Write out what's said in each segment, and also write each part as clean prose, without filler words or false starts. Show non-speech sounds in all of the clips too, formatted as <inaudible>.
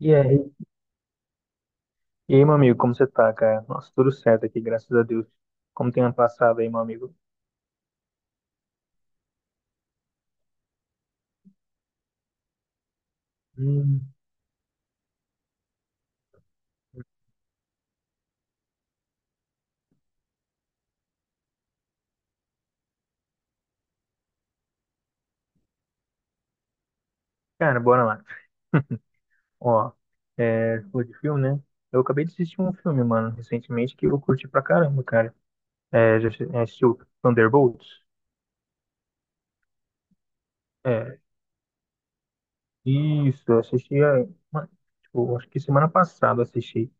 E aí, e aí, meu amigo, como você tá, cara? Nossa, tudo certo aqui, graças a Deus. Como tem ano passado aí, meu amigo? Hum, Cara, bora lá. Ó, falou de filme, né? Eu acabei de assistir um filme, mano, recentemente que eu curti pra caramba, cara. Já assistiu Thunderbolts? É, isso, eu assisti, tipo, acho que semana passada eu assisti.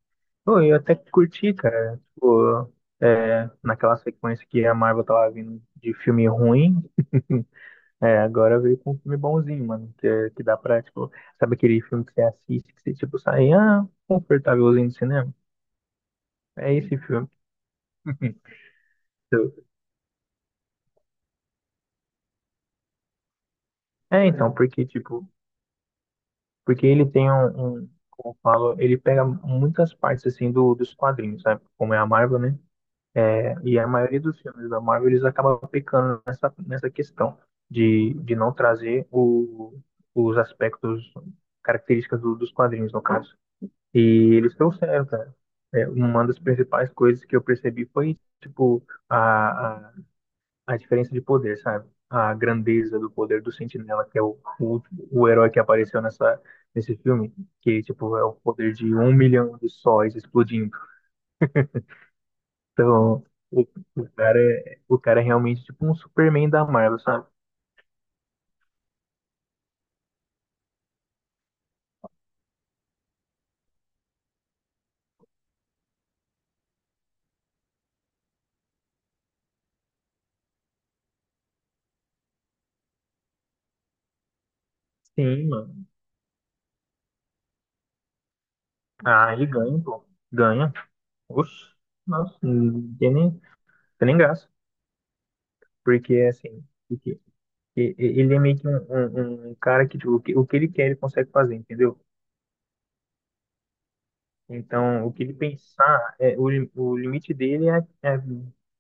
Pô, eu até que curti, cara. Tipo, naquela sequência que a Marvel tava vindo de filme ruim. <laughs> Agora veio com um filme bonzinho, mano. Que, que dá pra, tipo, sabe aquele filme que você assiste, que você, tipo, sai, ah, confortávelzinho do cinema? É esse filme. <laughs> Então, porque, tipo, porque ele tem como eu falo, ele pega muitas partes, assim, dos quadrinhos, sabe? Como é a Marvel, né? E a maioria dos filmes da Marvel, eles acabam pecando nessa questão de não trazer os aspectos, características dos quadrinhos, no caso. E eles trouxeram, cara. Uma das principais coisas que eu percebi foi, tipo, a diferença de poder, sabe? A grandeza do poder do Sentinela, que é o herói que apareceu nesse filme, que, tipo, é o poder de 1 milhão de sóis explodindo. Então, o, o cara é realmente, tipo, um Superman da Marvel, sabe? Sim, mano. Ah, ele ganha, pô. Ganha. Oxe, nossa, não tem nem graça. Porque, assim, ele é meio que um cara que tipo, o que ele quer ele consegue fazer, entendeu? Então, o que ele pensar, o limite dele é,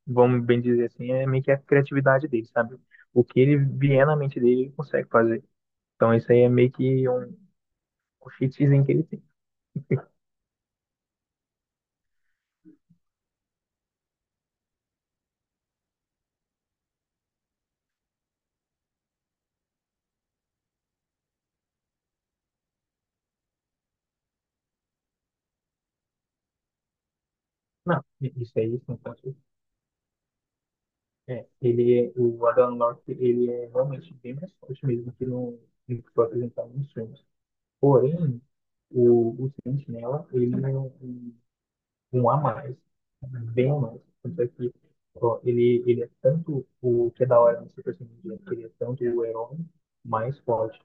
vamos bem dizer assim, é meio que a criatividade dele, sabe? O que ele vier na mente dele, ele consegue fazer. Então, isso aí é meio que um cheatzinho que ele tem. Não, isso aí, sim, com certeza. O Adam Locke, ele é realmente bem mais forte mesmo que no que foi apresentado nos filmes. Porém, o Sentinela, ele não. Um a mais, bem a mais. Tanto é que ó, ele é tanto o que é da hora no Super Saiyan Ninja, que ele é tanto o herói mais forte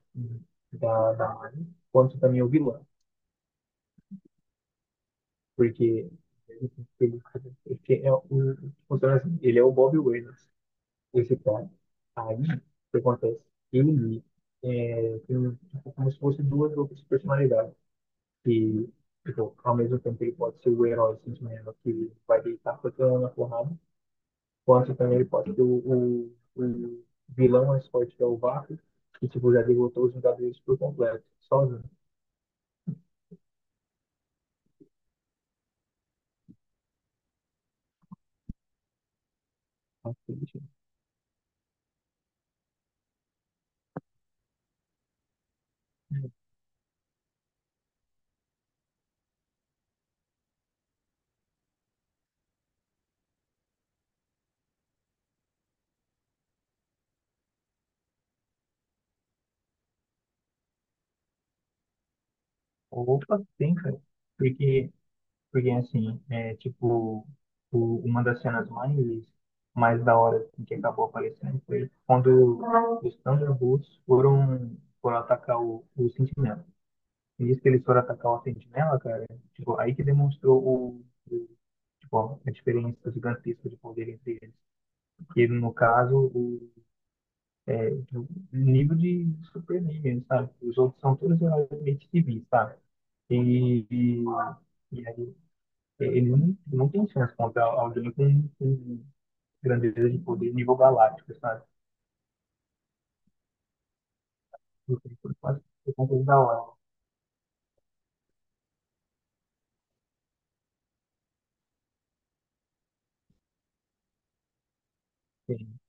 da Marvel, quanto também o vilão. Porque ele, é ele é o Bob Waynes, esse cara. Aí, o que acontece? Ele tem tipo, como se fosse duas outras personalidades. Que, tipo, ao mesmo tempo ele pode ser o herói sentimento que vai deitar pra todo mundo na porrada, quanto também ele pode ser o, o vilão mais forte que é o Vácuo, que tipo, já derrotou os Vingadores por completo, sozinho. Assim, opa, tem, cara. Porque, porque assim, é tipo, uma das cenas mais da hora assim, que acabou aparecendo foi quando os Thunderbolts foram atacar o Sentinela. E nisso que eles foram atacar o Sentinela, cara, tipo, aí que demonstrou o- tipo, a diferença gigantesca de poder entre eles, que no caso o nível de Superman mesmo, sabe? Os outros são todos realmente civis, sabe? E, e, e aí eles não têm chance contra alguém com grandeza de poder nível galáctico, sabe? Não tem por quase por conta da hora. Sim.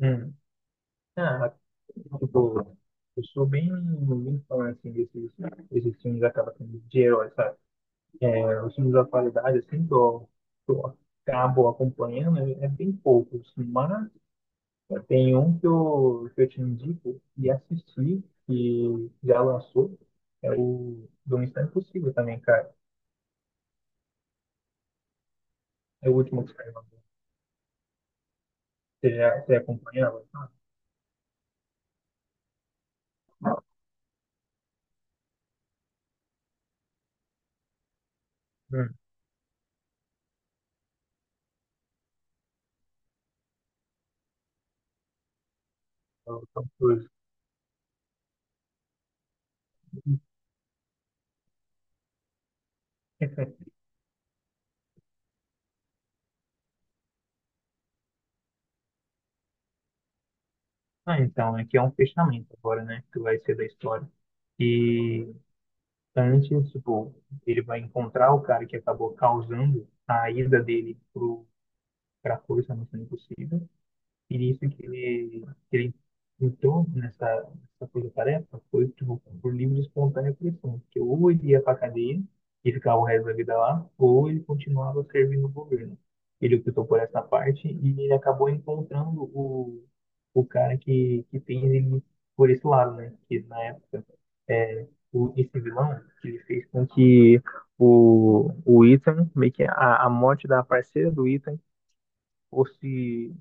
Hum. Ah, tipo, eu sou bem, fã assim, desses filmes acaba sendo de heróis, sabe? Os filmes da atualidade, assim, do acabo acompanhando, é bem poucos, mas tem um que eu te indico e assisti, que já lançou, é o do Missão Impossível também, cara. É o último que saiu agora. Você acompanhava? Hum, então, pois. <laughs> Ah, então, é que é um fechamento agora, né? Que vai ser da história. E antes, tipo, ele vai encontrar o cara que acabou causando a ida dele para a força não sendo impossível. E nisso que que ele entrou nessa coisa tarefa foi tipo, por livre e espontânea pressão, porque ou ele ia para a cadeia e ficava o resto da vida lá, ou ele continuava servindo o governo. Ele optou por essa parte e ele acabou encontrando o cara que fez ele por esse lado, né? Que na época, esse vilão, que ele fez com que o Ethan, meio que a morte da parceira do Ethan ou se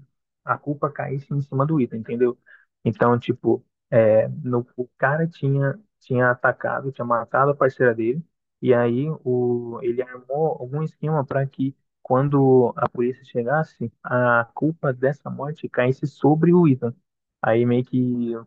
a culpa caísse em cima do item, entendeu? Então, tipo, é, no, o cara tinha atacado, tinha matado a parceira dele, e aí ele armou algum esquema para que quando a polícia chegasse, a culpa dessa morte caísse sobre o Ethan. Aí meio que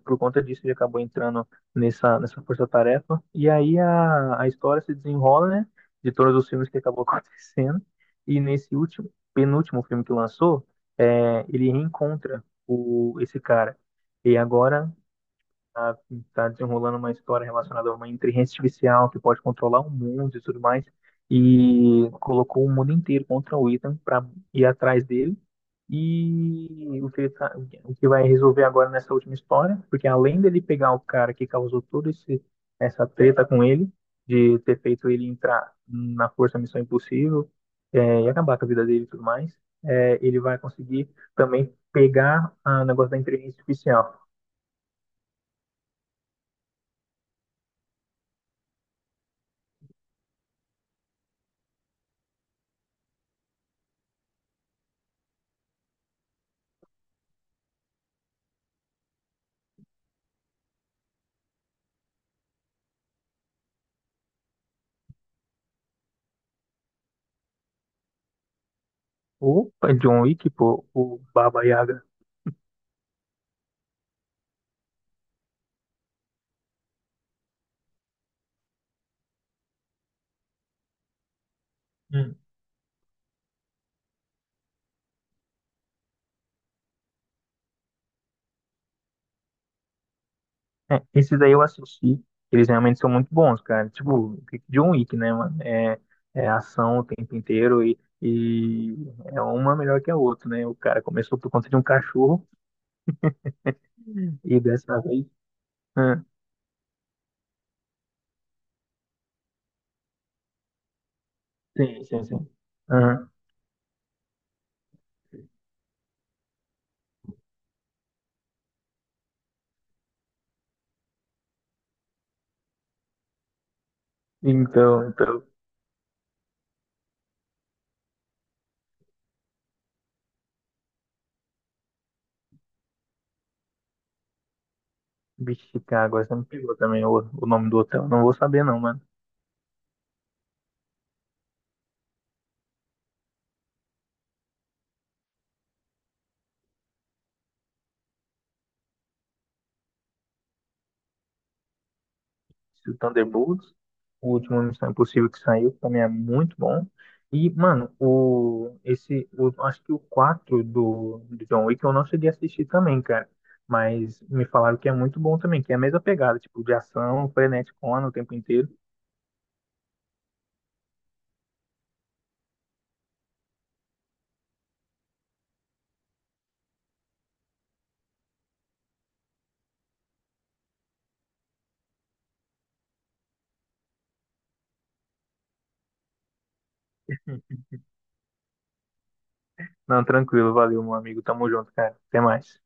por conta disso ele acabou entrando nessa força-tarefa. E aí a história se desenrola, né? De todos os filmes que acabou <laughs> acontecendo. E nesse penúltimo filme que lançou, ele reencontra esse cara. E agora tá, tá desenrolando uma história relacionada a uma inteligência artificial que pode controlar o mundo e tudo mais, e colocou o mundo inteiro contra o Ethan para ir atrás dele. E o que, ele tá- o que vai resolver agora nessa última história, porque além dele pegar o cara que causou essa treta com ele, de ter feito ele entrar na Força Missão Impossível, e acabar com a vida dele e tudo mais, ele vai conseguir também pegar o negócio da inteligência artificial. Opa, John Wick, pô, o Baba Yaga. Hum. É, esses aí eu assisti, eles realmente são muito bons, cara. Tipo, John Wick, né, mano? É ação o tempo inteiro e é uma melhor que a outra, né? O cara começou por conta de um cachorro e dessa vez. Ah, sim, sim, sim. Ah, então, bicho, Chicago, essa me pegou também o nome do hotel. Não vou saber, não, mano. O Thunderbolts, o último Missão Impossível que saiu, que também é muito bom. E, mano, acho que o 4 do John Wick eu não cheguei a assistir também, cara. Mas me falaram que é muito bom também, que é a mesma pegada, tipo, de ação, frenético, o tempo inteiro. <laughs> Não, tranquilo, valeu, meu amigo. Tamo junto, cara. Até mais.